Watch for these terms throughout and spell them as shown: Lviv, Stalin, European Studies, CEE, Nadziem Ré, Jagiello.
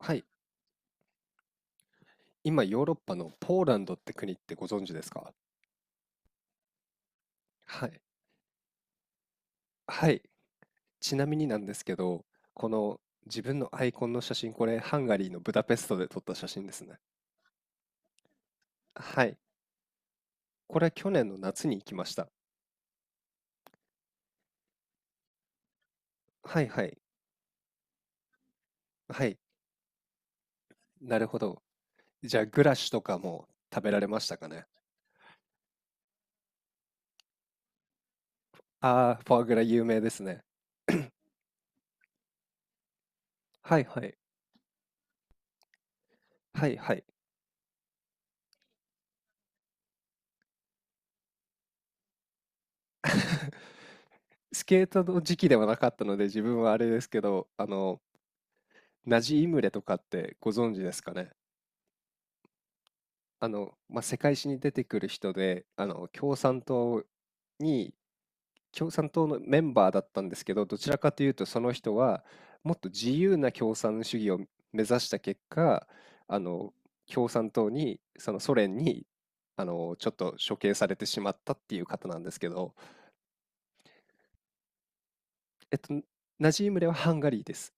はい。今、ヨーロッパのポーランドって国ってご存知ですか？はい。はい。ちなみになんですけど、この自分のアイコンの写真、これハンガリーのブダペストで撮った写真ですね。はい。これ去年の夏に行きました。はいはい。はい。なるほど。じゃあ、グラッシュとかも食べられましたかね？ああー、フォアグラ有名ですね。はいはい。はいはい。スケートの時期ではなかったので、自分はあれですけど、ナジイムレとかってご存知ですかね？世界史に出てくる人で、に共産党のメンバーだったんですけど、どちらかというとその人はもっと自由な共産主義を目指した結果、あの、共産党に、そのソ連に、ちょっと処刑されてしまったっていう方なんですけど、えっと、ナジームレはハンガリーです。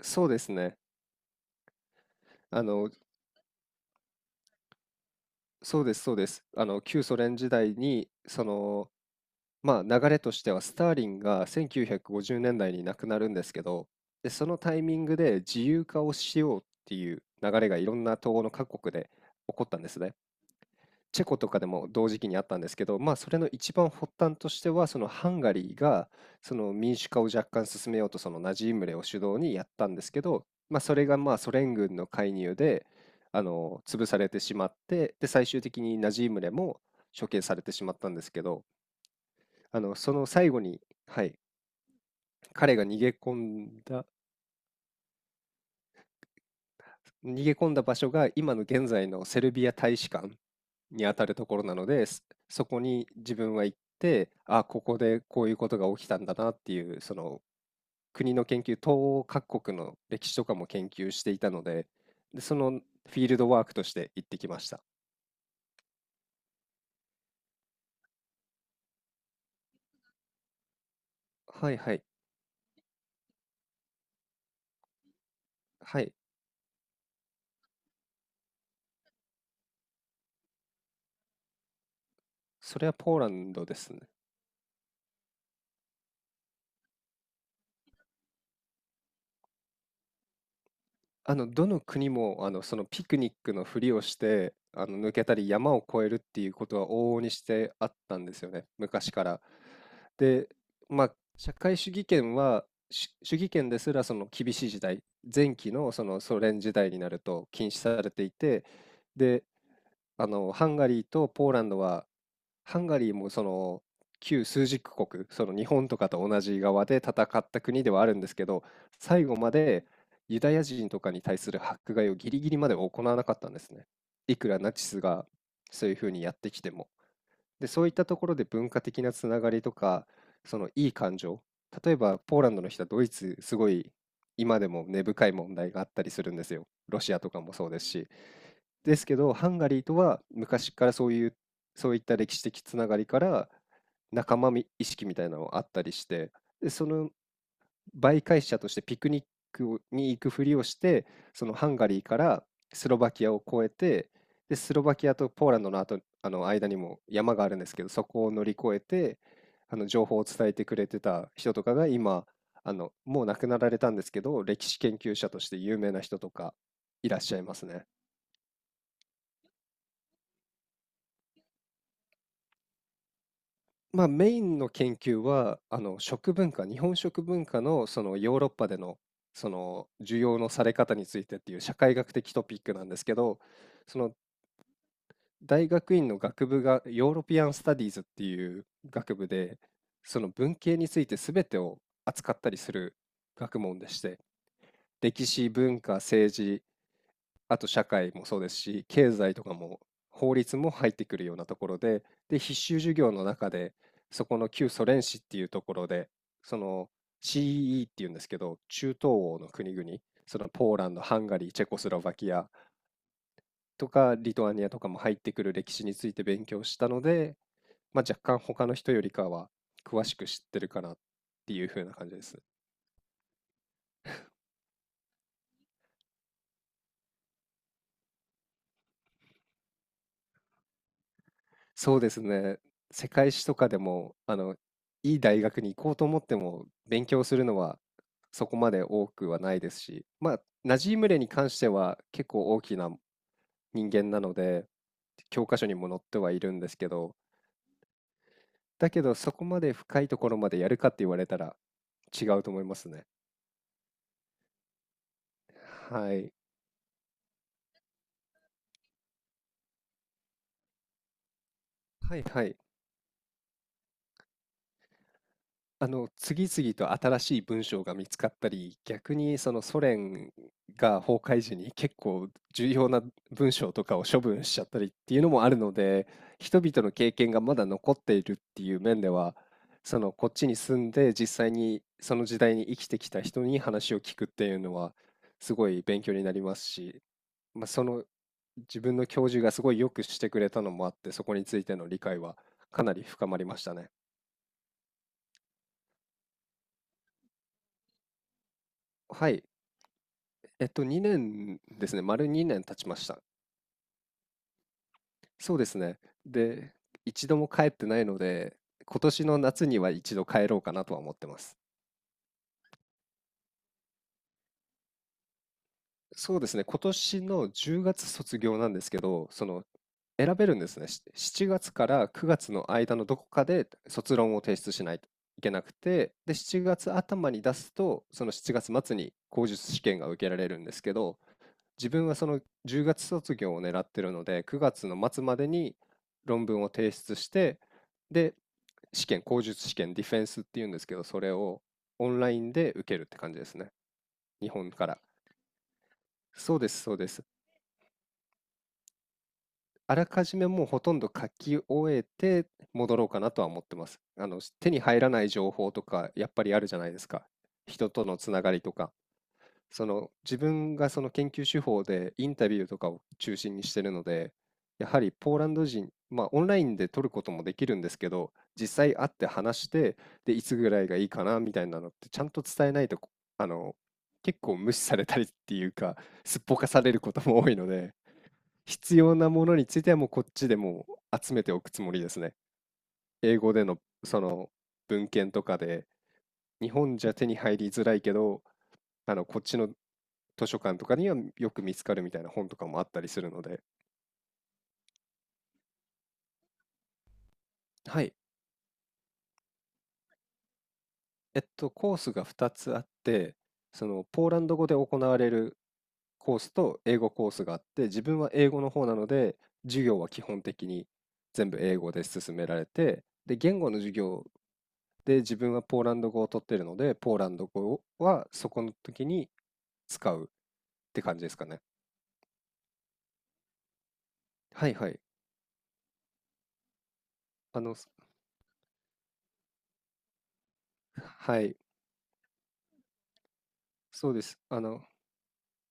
そうですね。あの、そうですそうです。旧ソ連時代に、そのまあ、流れとしてはスターリンが1950年代に亡くなるんですけど、で、そのタイミングで自由化をしようっていう流れがいろんな東欧の各国で起こったんですね。チェコとかでも同時期にあったんですけど、まあそれの一番発端としては、そのハンガリーがその民主化を若干進めようとそのナジームレを主導にやったんですけど、まあそれがまあソ連軍の介入で潰されてしまって、で最終的にナジームレも処刑されてしまったんですけど、その最後に、はい、彼が逃げ込んだ逃げ込んだ場所が今の現在のセルビア大使館にあたるところなので、そこに自分は行って、あ、ここでこういうことが起きたんだなっていう、その国の研究、東欧各国の歴史とかも研究していたので、で、そのフィールドワークとして行ってきました。はいはい。はい。それはポーランドですね。どの国も、そのピクニックのふりをして、抜けたり山を越えるっていうことは往々にしてあったんですよね、昔から。で、まあ、社会主義圏は、し主義圏ですらその厳しい時代、前期のそのソ連時代になると禁止されていて、で、ハンガリーとポーランドはハンガリーもその旧枢軸国、その日本とかと同じ側で戦った国ではあるんですけど、最後までユダヤ人とかに対する迫害をギリギリまで行わなかったんですね。いくらナチスがそういうふうにやってきても。で、そういったところで文化的なつながりとか、そのいい感情、例えばポーランドの人はドイツ、すごい今でも根深い問題があったりするんですよ。ロシアとかもそうですし。ですけど、ハンガリーとは昔からそういう、そういった歴史的つながりから仲間み意識みたいなのがあったりして、で、その媒介者としてピクニックに行くふりをして、そのハンガリーからスロバキアを越えて、で、スロバキアとポーランドの後、あの間にも山があるんですけど、そこを乗り越えて、あの情報を伝えてくれてた人とかが今、もう亡くなられたんですけど、歴史研究者として有名な人とかいらっしゃいますね。まあ、メインの研究は、食文化、日本食文化のそのヨーロッパでのその需要のされ方についてっていう社会学的トピックなんですけど、その大学院の学部がヨーロピアン・スタディーズっていう学部で、その文系について全てを扱ったりする学問でして、歴史、文化、政治、あと社会もそうですし、経済とかも法律も入ってくるようなところで、で、必修授業の中で、そこの旧ソ連史っていうところで、その CEE っていうんですけど、中東欧の国々、そのポーランド、ハンガリー、チェコスロバキアとかリトアニアとかも入ってくる歴史について勉強したので、まあ、若干他の人よりかは詳しく知ってるかなっていう風な感じです。そうですね。世界史とかでも、いい大学に行こうと思っても、勉強するのはそこまで多くはないですし、まあ、ナジームレに関しては結構大きな人間なので、教科書にも載ってはいるんですけど、だけどそこまで深いところまでやるかって言われたら違うと思いますね。はい。はいはい。次々と新しい文章が見つかったり、逆にそのソ連が崩壊時に結構重要な文章とかを処分しちゃったりっていうのもあるので、人々の経験がまだ残っているっていう面では、そのこっちに住んで実際にその時代に生きてきた人に話を聞くっていうのはすごい勉強になりますし、まあ、その自分の教授がすごいよくしてくれたのもあって、そこについての理解はかなり深まりましたね。はい。2年ですね。丸2年経ちました。そうですね。で、一度も帰ってないので、今年の夏には一度帰ろうかなとは思ってます。そうですね。今年の10月卒業なんですけど、その、選べるんですね。し7月から9月の間のどこかで卒論を提出しないといけなくて、で、7月頭に出すと、その7月末に口述試験が受けられるんですけど、自分はその10月卒業を狙ってるので、9月の末までに論文を提出して、で、試験、口述試験、ディフェンスっていうんですけど、それをオンラインで受けるって感じですね。日本から。そうです、そうです。あらかじめもうほとんど書き終えて戻ろうかなとは思ってます。手に入らない情報とか、やっぱりあるじゃないですか。人とのつながりとか。その自分がその研究手法でインタビューとかを中心にしてるので、やはりポーランド人、まあオンラインで撮ることもできるんですけど、実際会って話して、で、いつぐらいがいいかなみたいなのってちゃんと伝えないと、あの、結構無視されたりっていうか、すっぽかされることも多いので、必要なものについてはもうこっちでもう集めておくつもりですね。英語でのその文献とかで、日本じゃ手に入りづらいけど、こっちの図書館とかにはよく見つかるみたいな本とかもあったりするので、はい。コースが2つあって、その、ポーランド語で行われるコースと英語コースがあって、自分は英語の方なので、授業は基本的に全部英語で進められて、で、言語の授業で自分はポーランド語を取ってるので、ポーランド語はそこの時に使うって感じですかね。はいはい。あの、はい、そうです。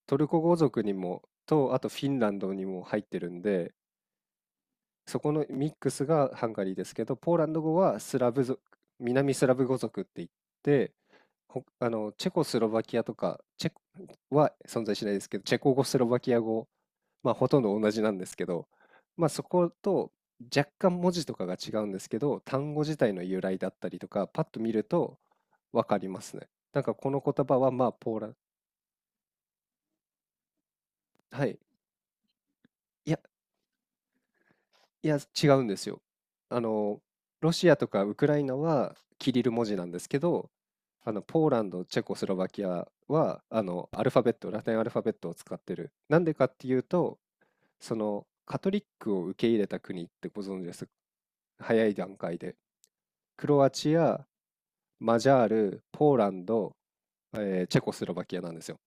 トルコ語族にもと、あとフィンランドにも入ってるんで、そこのミックスがハンガリーですけど、ポーランド語はスラブ族、南スラブ語族って言って、あのチェコスロバキアとかチェコは存在しないですけど、チェコ語、スロバキア語、まあ、ほとんど同じなんですけど、まあ、そこと若干文字とかが違うんですけど、単語自体の由来だったりとか、パッと見ると分かりますね。なんかこの言葉はまあポーラン、はい。いや、いや、違うんですよ。あの、ロシアとかウクライナはキリル文字なんですけど、ポーランド、チェコスロバキアは、アルファベット、ラテンアルファベットを使ってる。なんでかっていうと、その、カトリックを受け入れた国ってご存知ですか？早い段階で。クロアチア、マジャール、ポーランド、チェコスロバキアなんですよ。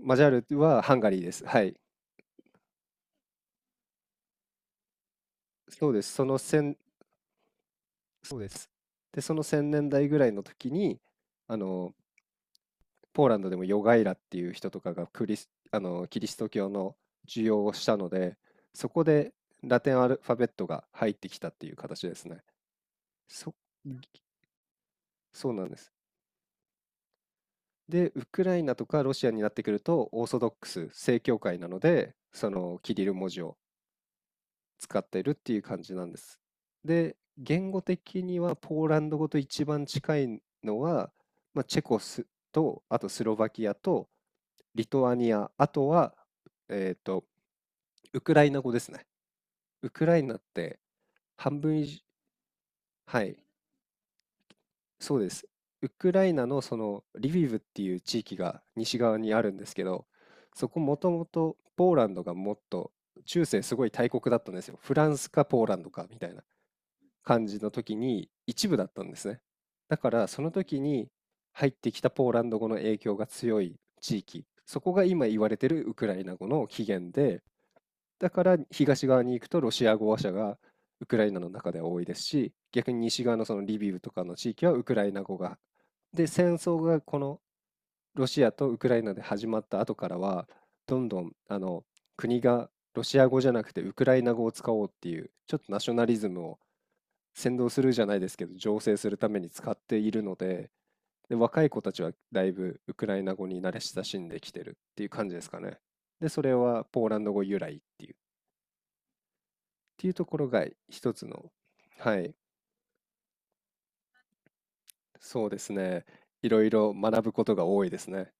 マジャールはハンガリーです。はい。そうです。その1、そうです。で、その1000年代ぐらいの時に、あのポーランドでもヨガイラっていう人とかがクリス、あのキリスト教の授業をしたので、そこでラテンアルファベットが入ってきたっていう形ですね。そ、そうなんです。で、ウクライナとかロシアになってくると、オーソドックス、正教会なので、そのキリル文字を使っているっていう感じなんです。で、言語的にはポーランド語と一番近いのは、まあ、チェコスと、あとスロバキアとリトアニア、あとは、えーとウクライナ語ですね。ウクライナって半分以上、はい、そうです。ウクライナのそのリビウっていう地域が西側にあるんですけど、そこもともとポーランドがもっと中世すごい大国だったんですよ。フランスかポーランドかみたいな感じの時に一部だったんですね。だからその時に入ってきたポーランド語の影響が強い地域、そこが今言われてるウクライナ語の起源で、だから東側に行くとロシア語話者がウクライナの中では多いですし、逆に西側のそのリビウとかの地域はウクライナ語が。で、戦争がこのロシアとウクライナで始まった後からは、どんどん国がロシア語じゃなくてウクライナ語を使おうっていう、ちょっとナショナリズムを扇動するじゃないですけど、醸成するために使っているので、で、若い子たちはだいぶウクライナ語に慣れ親しんできてるっていう感じですかね。で、それはポーランド語由来っていう。っていうところが一つの、はい、そうですね。いろいろ学ぶことが多いですね。